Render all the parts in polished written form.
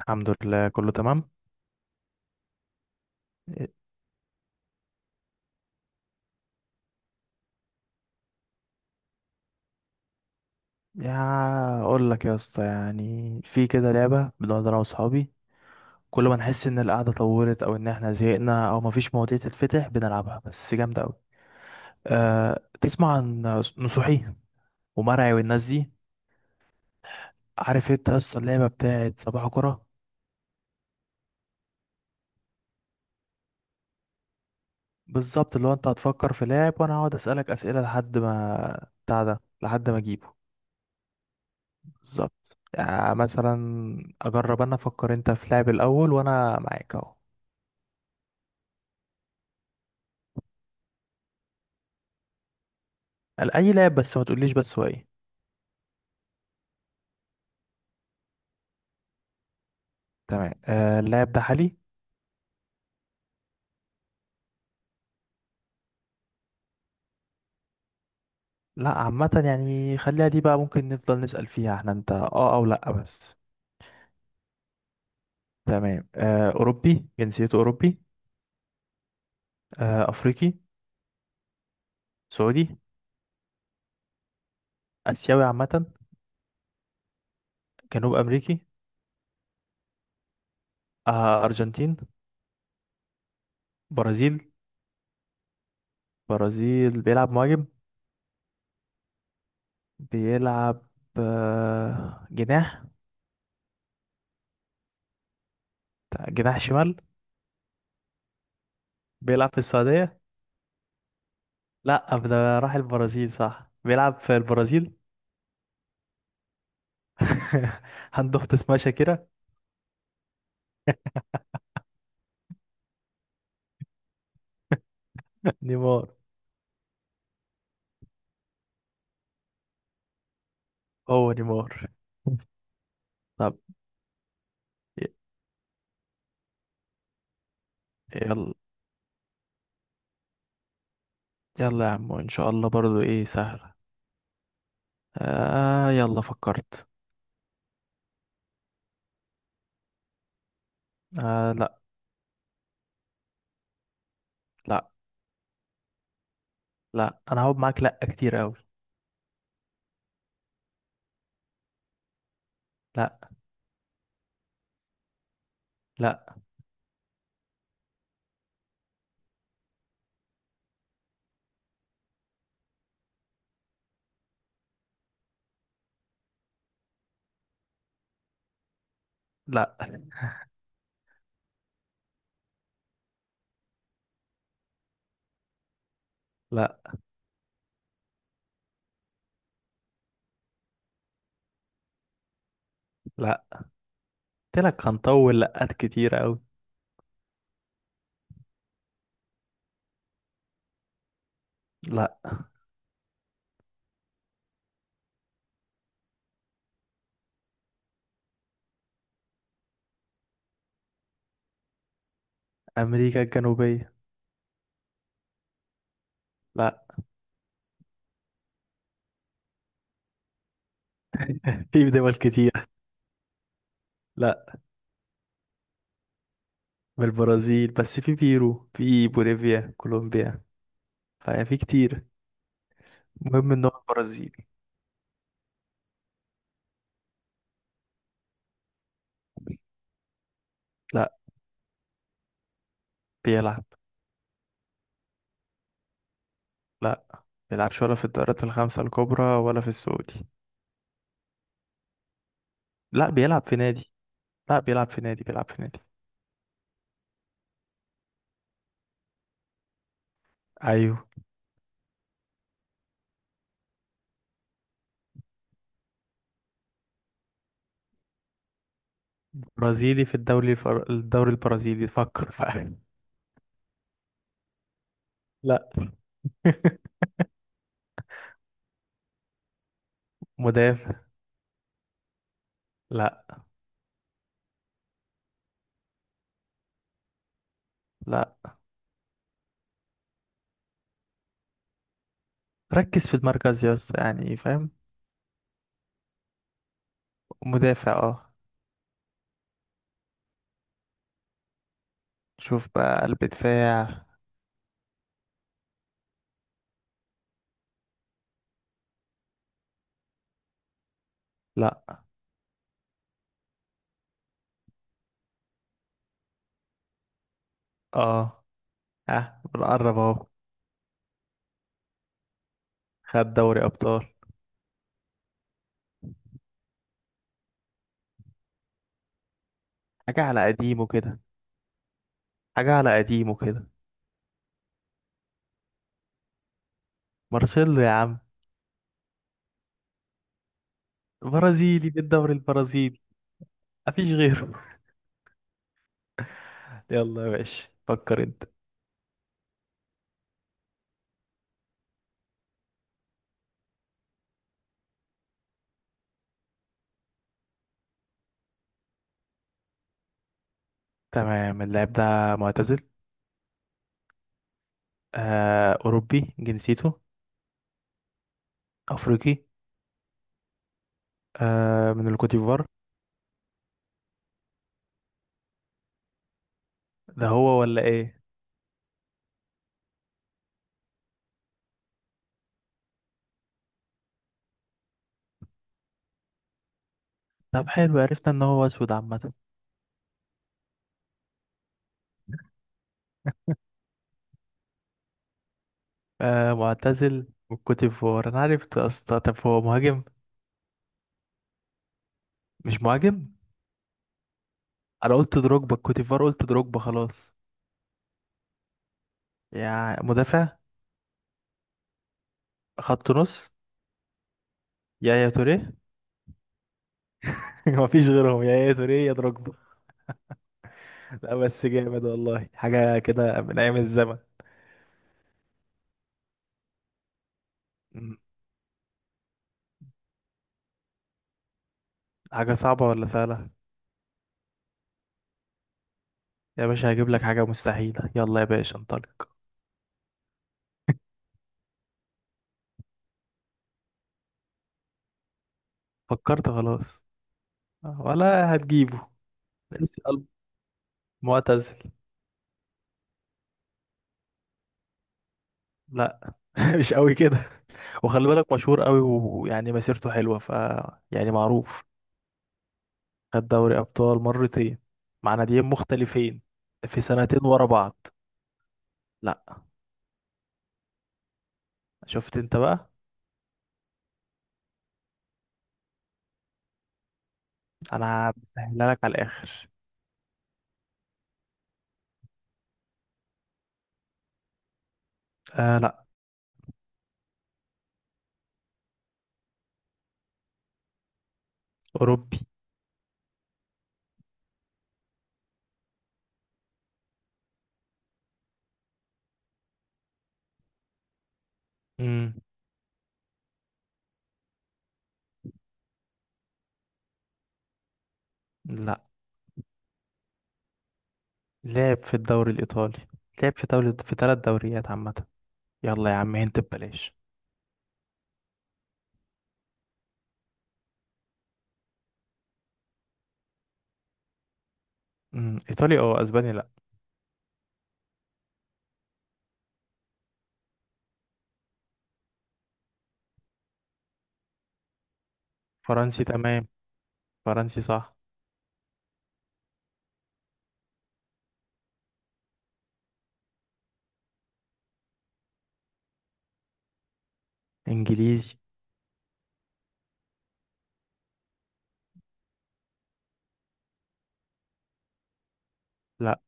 الحمد لله، كله تمام. يا اقول لك يا اسطى، يعني في كده لعبه بنقعد انا واصحابي، كل ما نحس ان القعده طولت او ان احنا زهقنا او مفيش مواضيع تتفتح بنلعبها، بس جامده قوي. أه، تسمع عن نصوحي ومرعي والناس دي؟ عارف انت يا اسطى اللعبه بتاعت صباح كره؟ بالظبط، اللي هو انت هتفكر في لاعب وانا هقعد اسالك اسئله لحد ما بتاع ده لحد ما اجيبه. بالظبط. يعني مثلا اجرب، انا افكر انت في لاعب الاول وانا معاك اهو. قال اي لاعب، بس ما تقوليش بس هو ايه. تمام. آه، اللاعب ده حالي؟ لا عامة، يعني خليها دي بقى ممكن نفضل نسأل فيها، احنا انت اه او لا بس. تمام. آه، اوروبي جنسيته؟ اوروبي آه؟ افريقي؟ سعودي؟ اسيوي عامة؟ جنوب امريكي؟ آه، ارجنتين؟ برازيل؟ برازيل. بيلعب مهاجم؟ بيلعب جناح؟ جناح شمال. بيلعب في السعودية؟ لا، ده راح البرازيل، صح؟ بيلعب في البرازيل. عنده اخت اسمها شاكيرا؟ نيمار. هو نيمار. طب ي- يلا. يلا يا عم، ان شاء الله برضو ايه سهلة. آه، يلا فكرت. آه لا. لا. انا هقعد معاك، لا كتير قوي. لا. لا. لا. لا. لا. قلت لك هنطول، لقات كتير قوي. لا. امريكا الجنوبية. لا. في دول كتير. لا. من البرازيل، بس في بيرو، في بوليفيا، كولومبيا، ففي كتير. المهم ان هو البرازيل. لا. بيلعب. لا بيلعبش ولا في الدوريات الخمسة الكبرى ولا في السعودي. لا بيلعب في نادي. بيلعب في نادي. ايوه. برازيلي في الدوري الدوري البرازيلي، فكر فاهم. لا. مدافع. لا. لا، ركز في المركز يا اسطى يعني، فاهم؟ مدافع، اه. شوف بقى، قلب دفاع. لا. اه. اه، بنقرب اهو. خد دوري ابطال. حاجة على قديمه كده. حاجة على قديمه كده. مارسيلو يا عم، برازيلي في الدوري البرازيلي. مفيش غيره. يلا يا باشا، فكر انت. تمام. اللاعب ده معتزل. آه، أوروبي جنسيته؟ أفريقي؟ آه، من الكوتيفوار؟ ده هو ولا إيه؟ طب حلو، عرفنا إن هو أسود عامة. آه، معتزل والكوتيفوار، أنا عرفت يا اسطى. طب هو مهاجم؟ مش مهاجم؟ أنا قلت دروجبا الكوتيفوار، قلت دروجبا خلاص. يا مدافع، خط نص، يا توريه. مفيش غيرهم، يا توريه يا دروجبا. لا بس جامد والله، حاجة كده من أيام الزمن. مم. حاجة صعبة ولا سهلة؟ يا باشا هجيب لك حاجة مستحيلة، يلا يا باشا انطلق. فكرت خلاص ولا هتجيبه؟ لسه قلب. معتزل. لا. مش قوي كده. وخلي بالك، مشهور قوي ويعني مسيرته حلوة، ف يعني معروف. خد دوري أبطال مرتين، مع ناديين مختلفين، في سنتين ورا بعض. لا. شفت انت بقى؟ انا بسهلها لك على الآخر. آه لا. أوروبي. مم. لا. لعب في الدوري الإيطالي، لعب في دوري، في ثلاث دوريات عامة. يلا يا عم انت ببلاش. أمم، ايطالي او اسباني؟ لا. فرنسي، تمام. فرنسي صح. انجليزي؟ لا.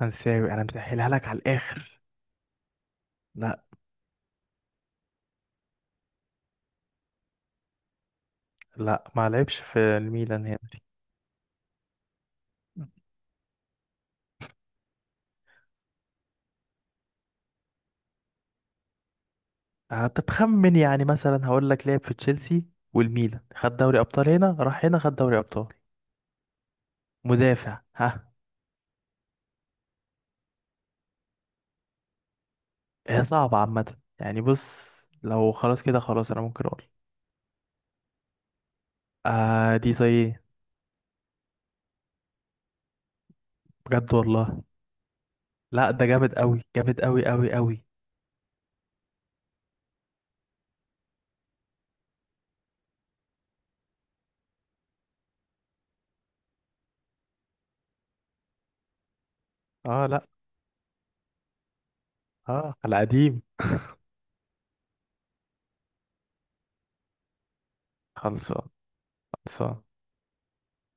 فرنساوي. انا مسهلها لك على الاخر. لا. لا، ما لعبش في الميلان هنري. آه، طب خمن. يعني مثلا هقول لك، لعب في تشيلسي والميلان، خد دوري ابطال هنا، راح هنا خد دوري ابطال، مدافع، ها. هي صعبة عامة يعني، بص، لو خلاص كده خلاص انا ممكن اقول. آه، دي زي ايه. بجد والله، لا ده جامد قوي، جامد قوي. اه لا، اه على قديم. خلصان. خلصان.